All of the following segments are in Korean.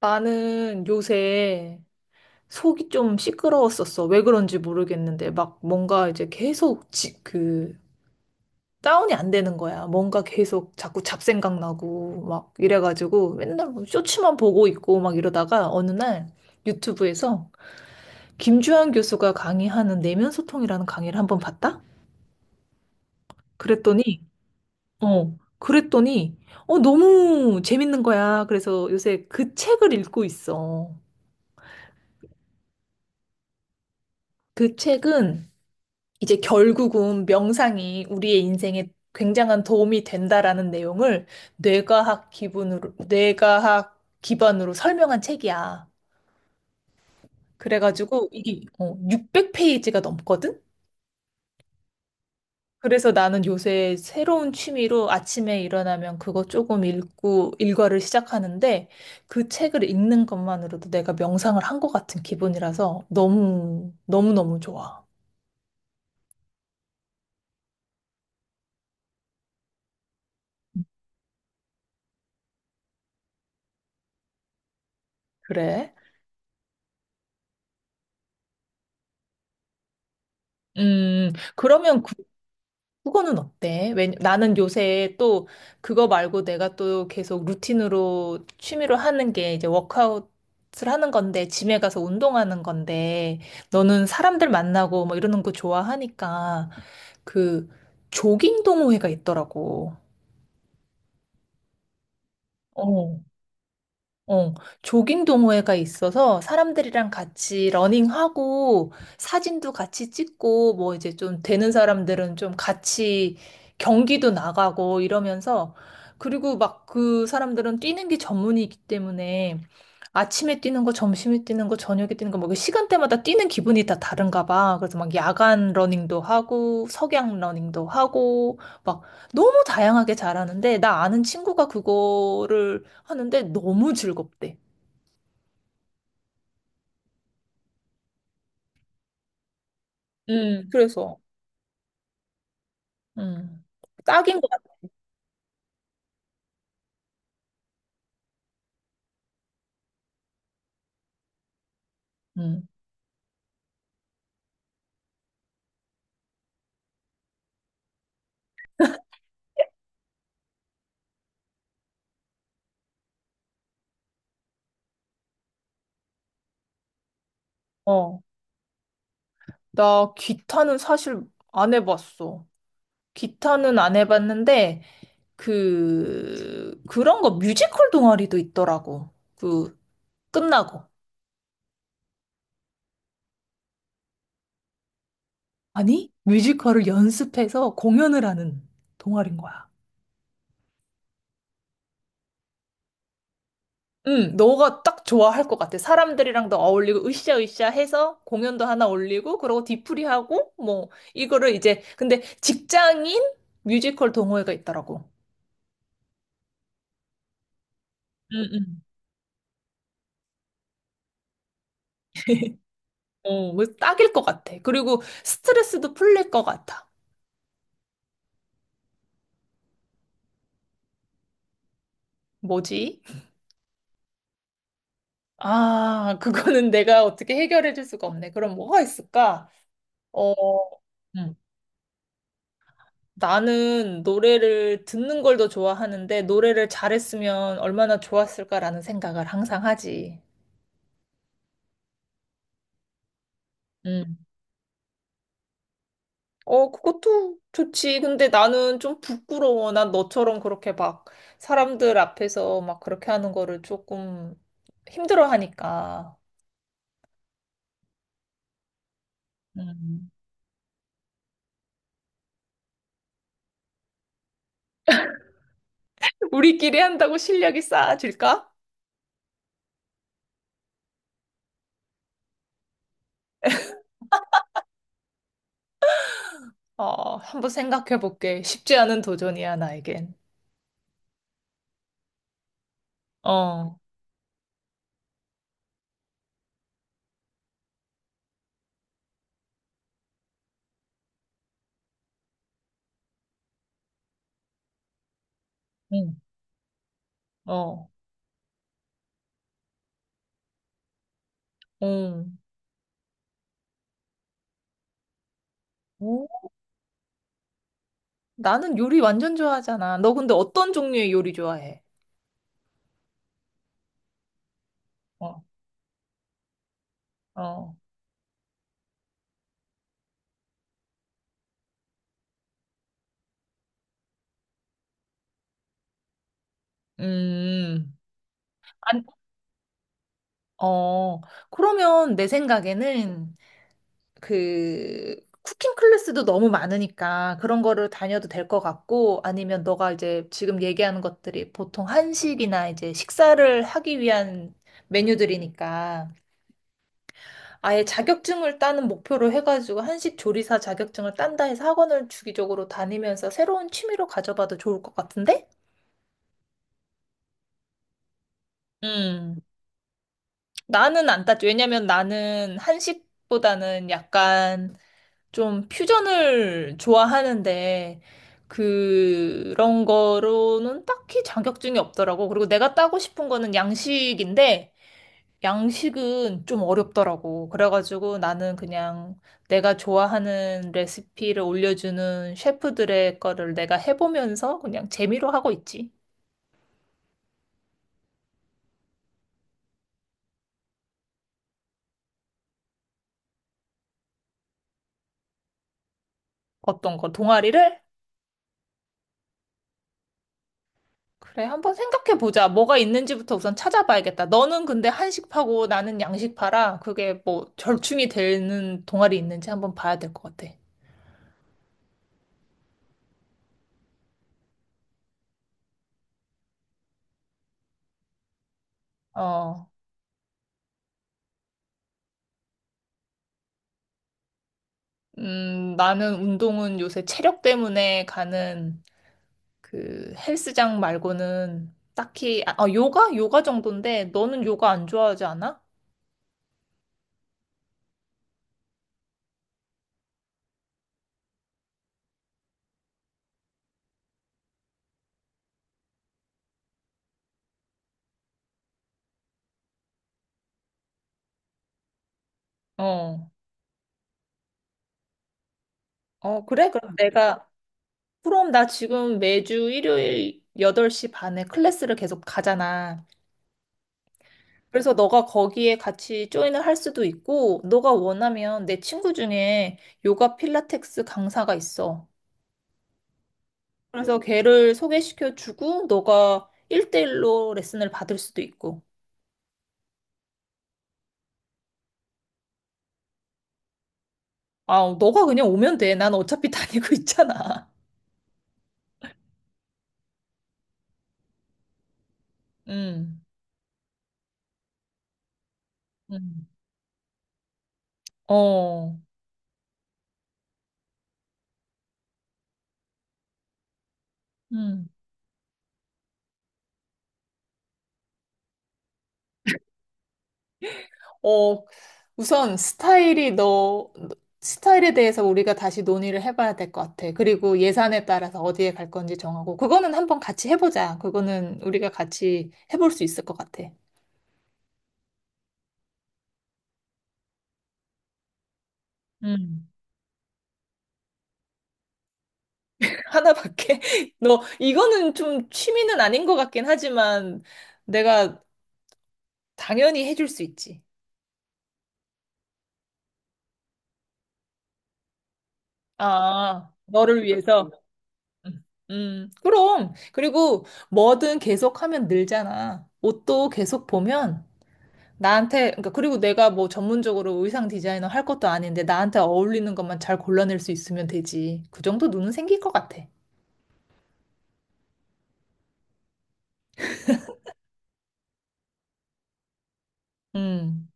나는 요새 속이 좀 시끄러웠었어. 왜 그런지 모르겠는데, 막 뭔가 이제 계속 다운이 안 되는 거야. 뭔가 계속 자꾸 잡생각 나고, 막 이래가지고 맨날 뭐 쇼츠만 보고 있고 막 이러다가 어느 날 유튜브에서 김주환 교수가 강의하는 내면 소통이라는 강의를 한번 봤다? 그랬더니, 그랬더니, 너무 재밌는 거야. 그래서 요새 그 책을 읽고 있어. 그 책은 이제 결국은 명상이 우리의 인생에 굉장한 도움이 된다라는 내용을 뇌과학 기반으로 설명한 책이야. 그래가지고 이게 600페이지가 넘거든? 그래서 나는 요새 새로운 취미로 아침에 일어나면 그거 조금 읽고 일과를 시작하는데 그 책을 읽는 것만으로도 내가 명상을 한 것 같은 기분이라서 너무너무 좋아. 그래? 그러면 그거는 어때? 왜 나는 요새 또 그거 말고 내가 또 계속 루틴으로 취미로 하는 게 이제 워크아웃을 하는 건데, 짐에 가서 운동하는 건데 너는 사람들 만나고 뭐 이러는 거 좋아하니까 그 조깅 동호회가 있더라고. 어. 어, 조깅 동호회가 있어서 사람들이랑 같이 러닝하고 사진도 같이 찍고 뭐 이제 좀 되는 사람들은 좀 같이 경기도 나가고 이러면서 그리고 막 그 사람들은 뛰는 게 전문이기 때문에 아침에 뛰는 거, 점심에 뛰는 거, 저녁에 뛰는 거, 뭐 그 시간대마다 뛰는 기분이 다 다른가 봐. 그래서 막 야간 러닝도 하고 석양 러닝도 하고 막 너무 다양하게 잘하는데 나 아는 친구가 그거를 하는데 너무 즐겁대. 그래서 음, 딱인 것 같아. 음. 어, 나 기타는 사실 안 해봤어. 기타는 안 해봤는데, 그런 거 뮤지컬 동아리도 있더라고. 그, 끝나고. 아니, 뮤지컬을 연습해서 공연을 하는 동아리인 거야. 응, 너가 딱 좋아할 것 같아. 사람들이랑도 어울리고, 으쌰으쌰 해서 공연도 하나 올리고, 그러고 뒤풀이하고, 뭐, 이거를 이제, 근데 직장인 뮤지컬 동호회가 있더라고. 응, 응. 어, 뭐 딱일 것 같아. 그리고 스트레스도 풀릴 것 같아. 뭐지? 아, 그거는 내가 어떻게 해결해 줄 수가 없네. 그럼 뭐가 있을까? 어, 나는 노래를 듣는 걸 더 좋아하는데 노래를 잘했으면 얼마나 좋았을까라는 생각을 항상 하지. 음. 어, 그것도 좋지. 근데 나는 좀 부끄러워. 난 너처럼 그렇게 막 사람들 앞에서 막 그렇게 하는 거를 조금 힘들어 하니까. 음. 우리끼리 한다고 실력이 쌓아질까? 어, 한번 생각해 볼게. 쉽지 않은 도전이야, 나에겐. 어, 응, 어, 응. 나는 요리 완전 좋아하잖아. 너 근데 어떤 종류의 요리 좋아해? 어, 어, 음, 안, 어. 그러면 내 생각에는 그 쿠킹 클래스도 너무 많으니까 그런 거를 다녀도 될 것 같고 아니면 너가 이제 지금 얘기하는 것들이 보통 한식이나 이제 식사를 하기 위한 메뉴들이니까 아예 자격증을 따는 목표로 해가지고 한식 조리사 자격증을 딴다 해서 학원을 주기적으로 다니면서 새로운 취미로 가져봐도 좋을 것 같은데? 음, 나는 안 따지. 왜냐면 나는 한식보다는 약간 좀 퓨전을 좋아하는데, 그런 거로는 딱히 자격증이 없더라고. 그리고 내가 따고 싶은 거는 양식인데, 양식은 좀 어렵더라고. 그래가지고 나는 그냥 내가 좋아하는 레시피를 올려주는 셰프들의 거를 내가 해보면서 그냥 재미로 하고 있지. 어떤 거, 동아리를? 그래, 한번 생각해 보자. 뭐가 있는지부터 우선 찾아봐야겠다. 너는 근데 한식파고 나는 양식파라 그게 뭐 절충이 되는 동아리 있는지 한번 봐야 될 것 같아. 어, 나는 운동은 요새 체력 때문에 가는 그 헬스장 말고는 딱히, 아, 어, 요가? 요가 정도인데 너는 요가 안 좋아하지 않아? 어, 어, 그래? 그럼 나 지금 매주 일요일 8시 반에 클래스를 계속 가잖아. 그래서 너가 거기에 같이 조인을 할 수도 있고, 너가 원하면 내 친구 중에 요가 필라테스 강사가 있어. 그래서 걔를 소개시켜 주고, 너가 일대일로 레슨을 받을 수도 있고. 아, 너가 그냥 오면 돼. 난 어차피 다니고 있잖아. 음, 음, 어, 음. 어, 우선 스타일에 대해서 우리가 다시 논의를 해봐야 될 것 같아. 그리고 예산에 따라서 어디에 갈 건지 정하고, 그거는 한번 같이 해보자. 그거는 우리가 같이 해볼 수 있을 것 같아. 음. 하나밖에? 너, 이거는 좀 취미는 아닌 것 같긴 하지만, 내가 당연히 해줄 수 있지. 아, 너를 위해서. 음, 그럼. 그리고 뭐든 계속하면 늘잖아. 옷도 계속 보면, 나한테, 그러니까 그리고 내가 뭐 전문적으로 의상 디자이너 할 것도 아닌데 나한테 어울리는 것만 잘 골라낼 수 있으면 되지. 그 정도 눈은 생길 것 같아. 음.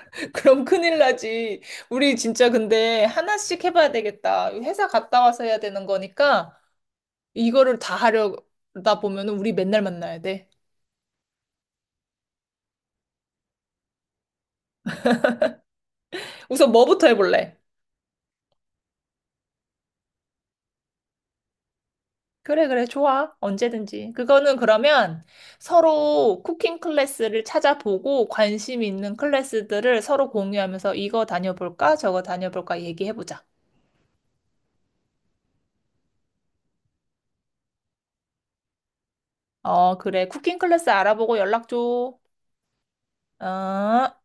그럼 큰일 나지. 우리 진짜 근데 하나씩 해봐야 되겠다. 회사 갔다 와서 해야 되는 거니까 이거를 다 하려다 보면은 우리 맨날 만나야 돼. 우선 뭐부터 해볼래? 그래, 그래, 좋아. 언제든지. 그거는 그러면 서로 쿠킹 클래스를 찾아보고 관심 있는 클래스들을 서로 공유하면서 이거 다녀볼까? 저거 다녀볼까? 얘기해보자. 어, 그래. 쿠킹 클래스 알아보고 연락 줘. 어.